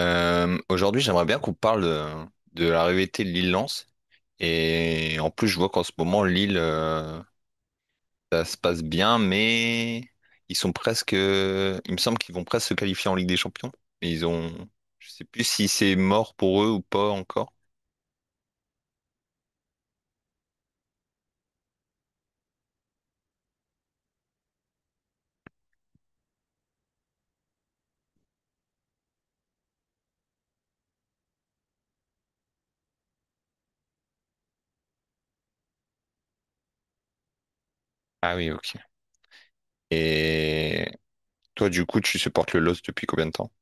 Aujourd'hui, j'aimerais bien qu'on parle de la rivalité de l'île Lance. Et en plus, je vois qu'en ce moment, Lille, ça se passe bien, mais ils sont presque. Il me semble qu'ils vont presque se qualifier en Ligue des Champions. Mais ils ont. Je sais plus si c'est mort pour eux ou pas encore. Ah oui, ok. Et toi, du coup, tu supportes le LOS depuis combien de temps?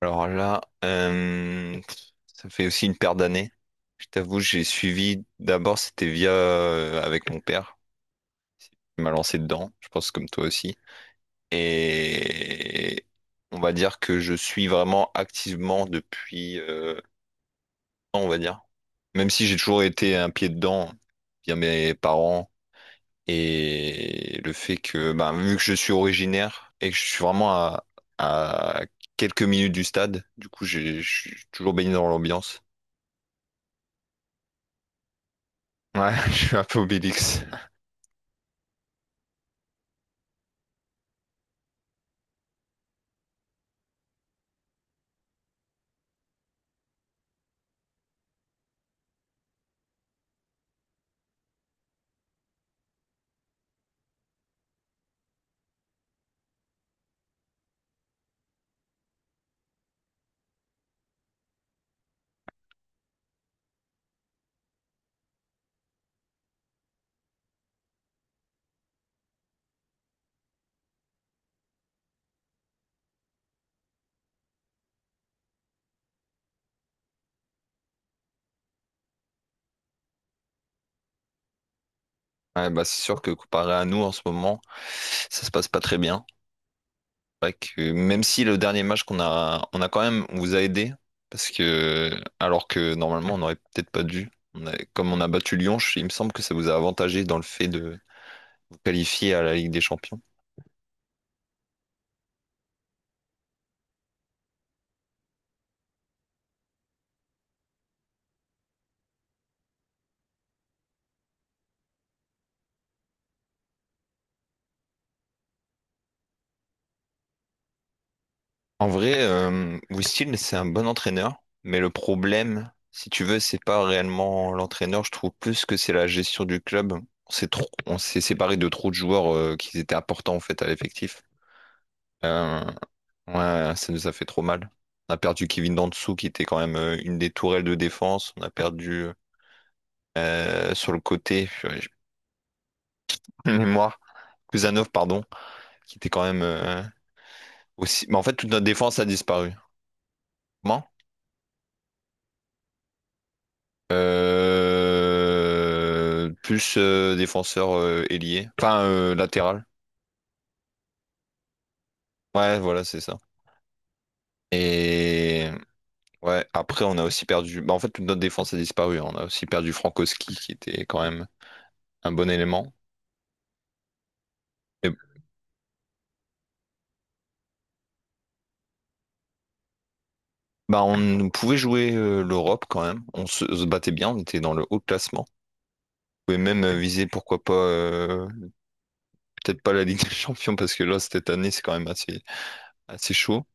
Alors là, ça fait aussi une paire d'années. Je t'avoue, j'ai suivi. D'abord, c'était via avec mon père. Il m'a lancé dedans. Je pense comme toi aussi. Et on va dire que je suis vraiment activement depuis. Ans, on va dire. Même si j'ai toujours été un pied dedans via mes parents et le fait que, bah, vu que je suis originaire et que je suis vraiment à quelques minutes du stade, du coup, je suis toujours baigné dans l'ambiance. Ouais, je suis un peu Obélix. Ouais, bah c'est sûr que comparé à nous en ce moment, ça se passe pas très bien. C'est vrai que même si le dernier match qu'on a, on a quand même, on vous a aidé parce que alors que normalement on aurait peut-être pas dû. Comme on a battu Lyon, il me semble que ça vous a avantagé dans le fait de qualifié à la Ligue des Champions. En vrai, Wistil, c'est un bon entraîneur, mais le problème, si tu veux, c'est pas réellement l'entraîneur. Je trouve plus que c'est la gestion du club. On s'est séparé de trop de joueurs qui étaient importants en fait à l'effectif. Euh, Ouais, ça nous a fait trop mal. On a perdu Kevin Dantzou qui était quand même une des tourelles de défense. On a perdu sur le côté, purée, j'ai plus de mémoire, Kuzanov, pardon, qui était quand même aussi. Mais en fait, toute notre défense a disparu. Comment? Plus défenseur ailier, enfin latéral. Ouais, voilà, c'est ça. Et ouais, après, on a aussi perdu. Bah, en fait, toute notre défense a disparu. On a aussi perdu Frankowski qui était quand même un bon élément. Mais bah, on pouvait jouer l'Europe quand même. On se battait bien, on était dans le haut classement. On pouvait même viser, pourquoi pas, peut-être pas la Ligue des Champions, parce que là, cette année, c'est quand même assez, assez chaud.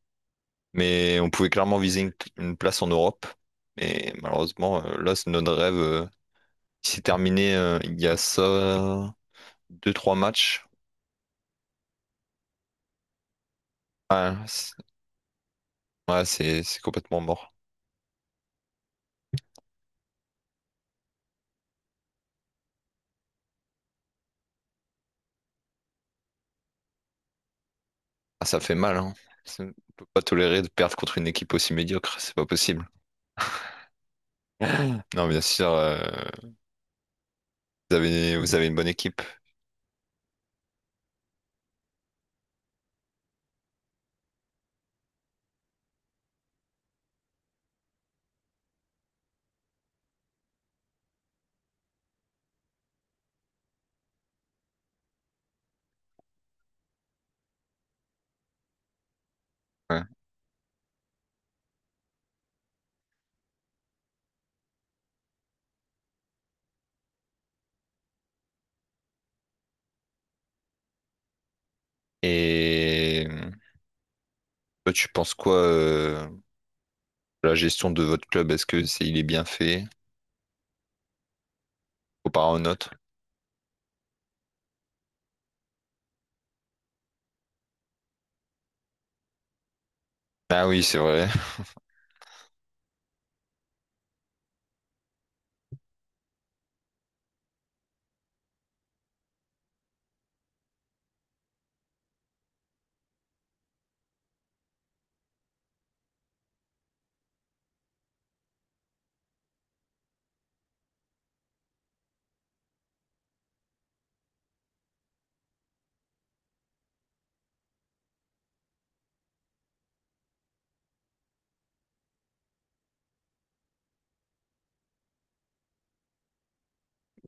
Mais on pouvait clairement viser une place en Europe. Mais malheureusement, là, c'est notre rêve. Il s'est terminé il y a ça, deux, trois matchs. Ouais, c'est ouais, c'est complètement mort. Ah, ça fait mal, hein. On peut pas tolérer de perdre contre une équipe aussi médiocre, c'est pas possible. Non, bien sûr. Vous avez une bonne équipe. Ouais. Et toi, tu penses quoi de la gestion de votre club? Est-ce que c'est, il est bien fait comparé au nôtre? Ah oui, c'est vrai.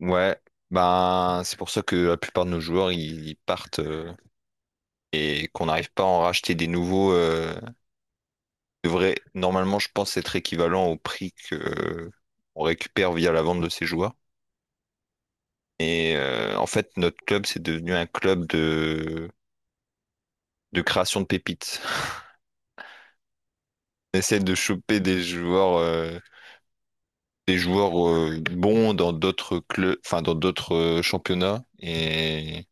Ouais. Ben, c'est pour ça que la plupart de nos joueurs, ils partent et qu'on n'arrive pas à en racheter des nouveaux. Devrait normalement, je pense, être équivalent au prix que on récupère via la vente de ces joueurs. Et en fait, notre club, c'est devenu un club de création de pépites. On essaie de choper des joueurs bons dans d'autres clubs, enfin dans d'autres championnats et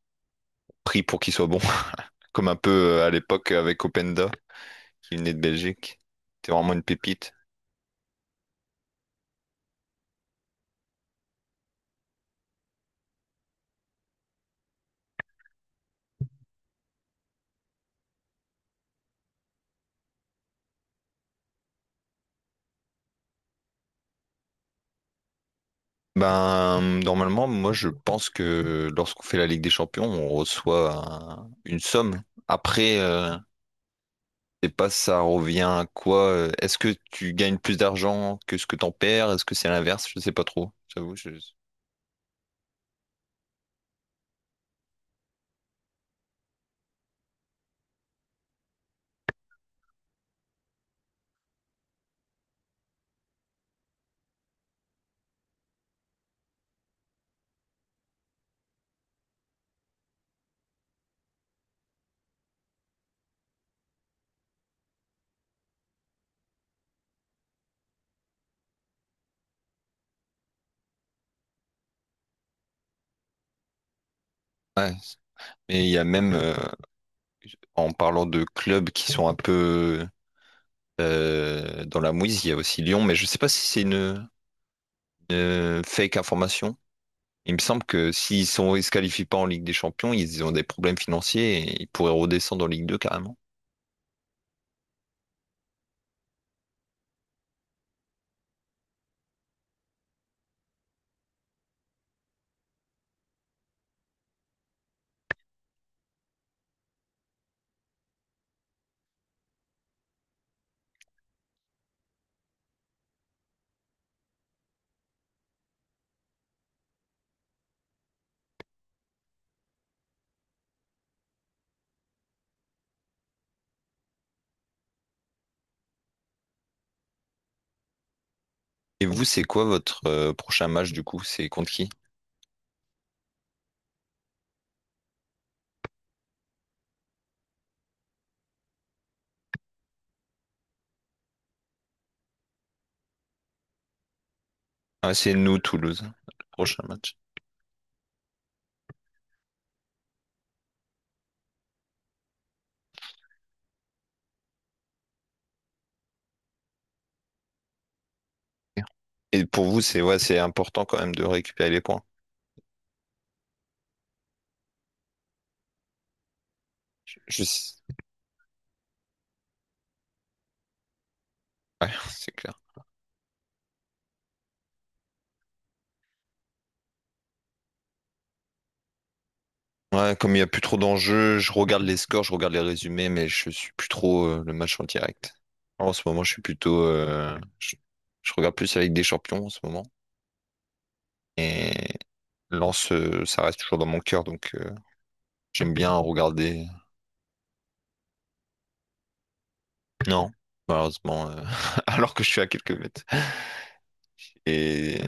pris pour qu'ils soient bons, comme un peu à l'époque avec Openda qui venait de Belgique. C'était vraiment une pépite. Ben normalement, moi je pense que lorsqu'on fait la Ligue des Champions, on reçoit une somme. Après, je sais pas ça revient à quoi. Est-ce que tu gagnes plus d'argent que ce que t'en perds? Est-ce que c'est l'inverse? Je sais pas trop. J'avoue, je... Ouais. Mais il y a même en parlant de clubs qui sont un peu dans la mouise, il y a aussi Lyon, mais je ne sais pas si c'est une fake information. Il me semble que ils se qualifient pas en Ligue des Champions, ils ont des problèmes financiers et ils pourraient redescendre en Ligue 2 carrément. Et vous, c'est quoi votre prochain match du coup? C'est contre qui? Ah, c'est nous, Toulouse, le prochain match. Et pour vous, c'est important quand même de récupérer les points. Je... Ouais, c'est clair. Ouais, comme il n'y a plus trop d'enjeux, je regarde les scores, je regarde les résumés, mais je suis plus trop le match en direct. En ce moment, je suis plutôt, je regarde plus la Ligue des Champions en ce moment. Et Lens, ça reste toujours dans mon cœur, donc j'aime bien regarder. Non, malheureusement, alors que je suis à quelques mètres. Et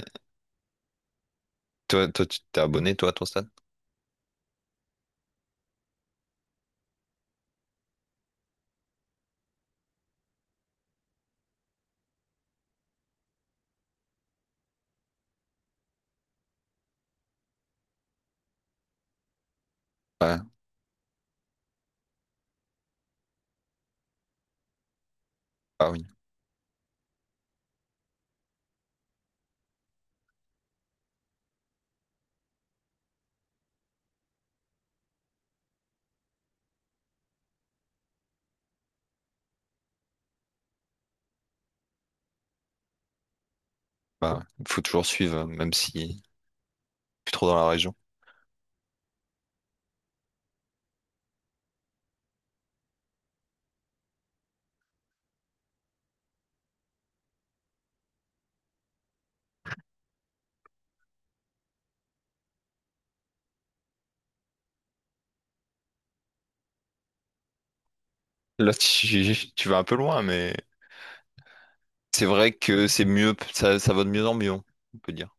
tu t'es abonné, toi, à ton stade? Ouais. Ah oui, bah, ouais. Faut toujours suivre, même si plus trop dans la région. Là, tu, tu vas un peu loin, mais c'est vrai que c'est mieux, ça va de mieux en mieux, on peut dire.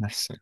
Ouais. C'est-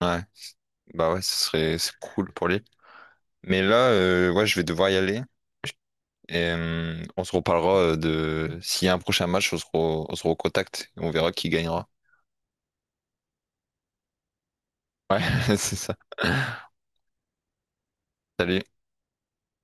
ouais, bah ouais, ce serait c'est cool pour l'île. Mais là, ouais, je vais devoir y aller. Et on se reparlera de s'il y a un prochain match, on se recontacte et on verra qui gagnera. Ouais, c'est ça. Salut.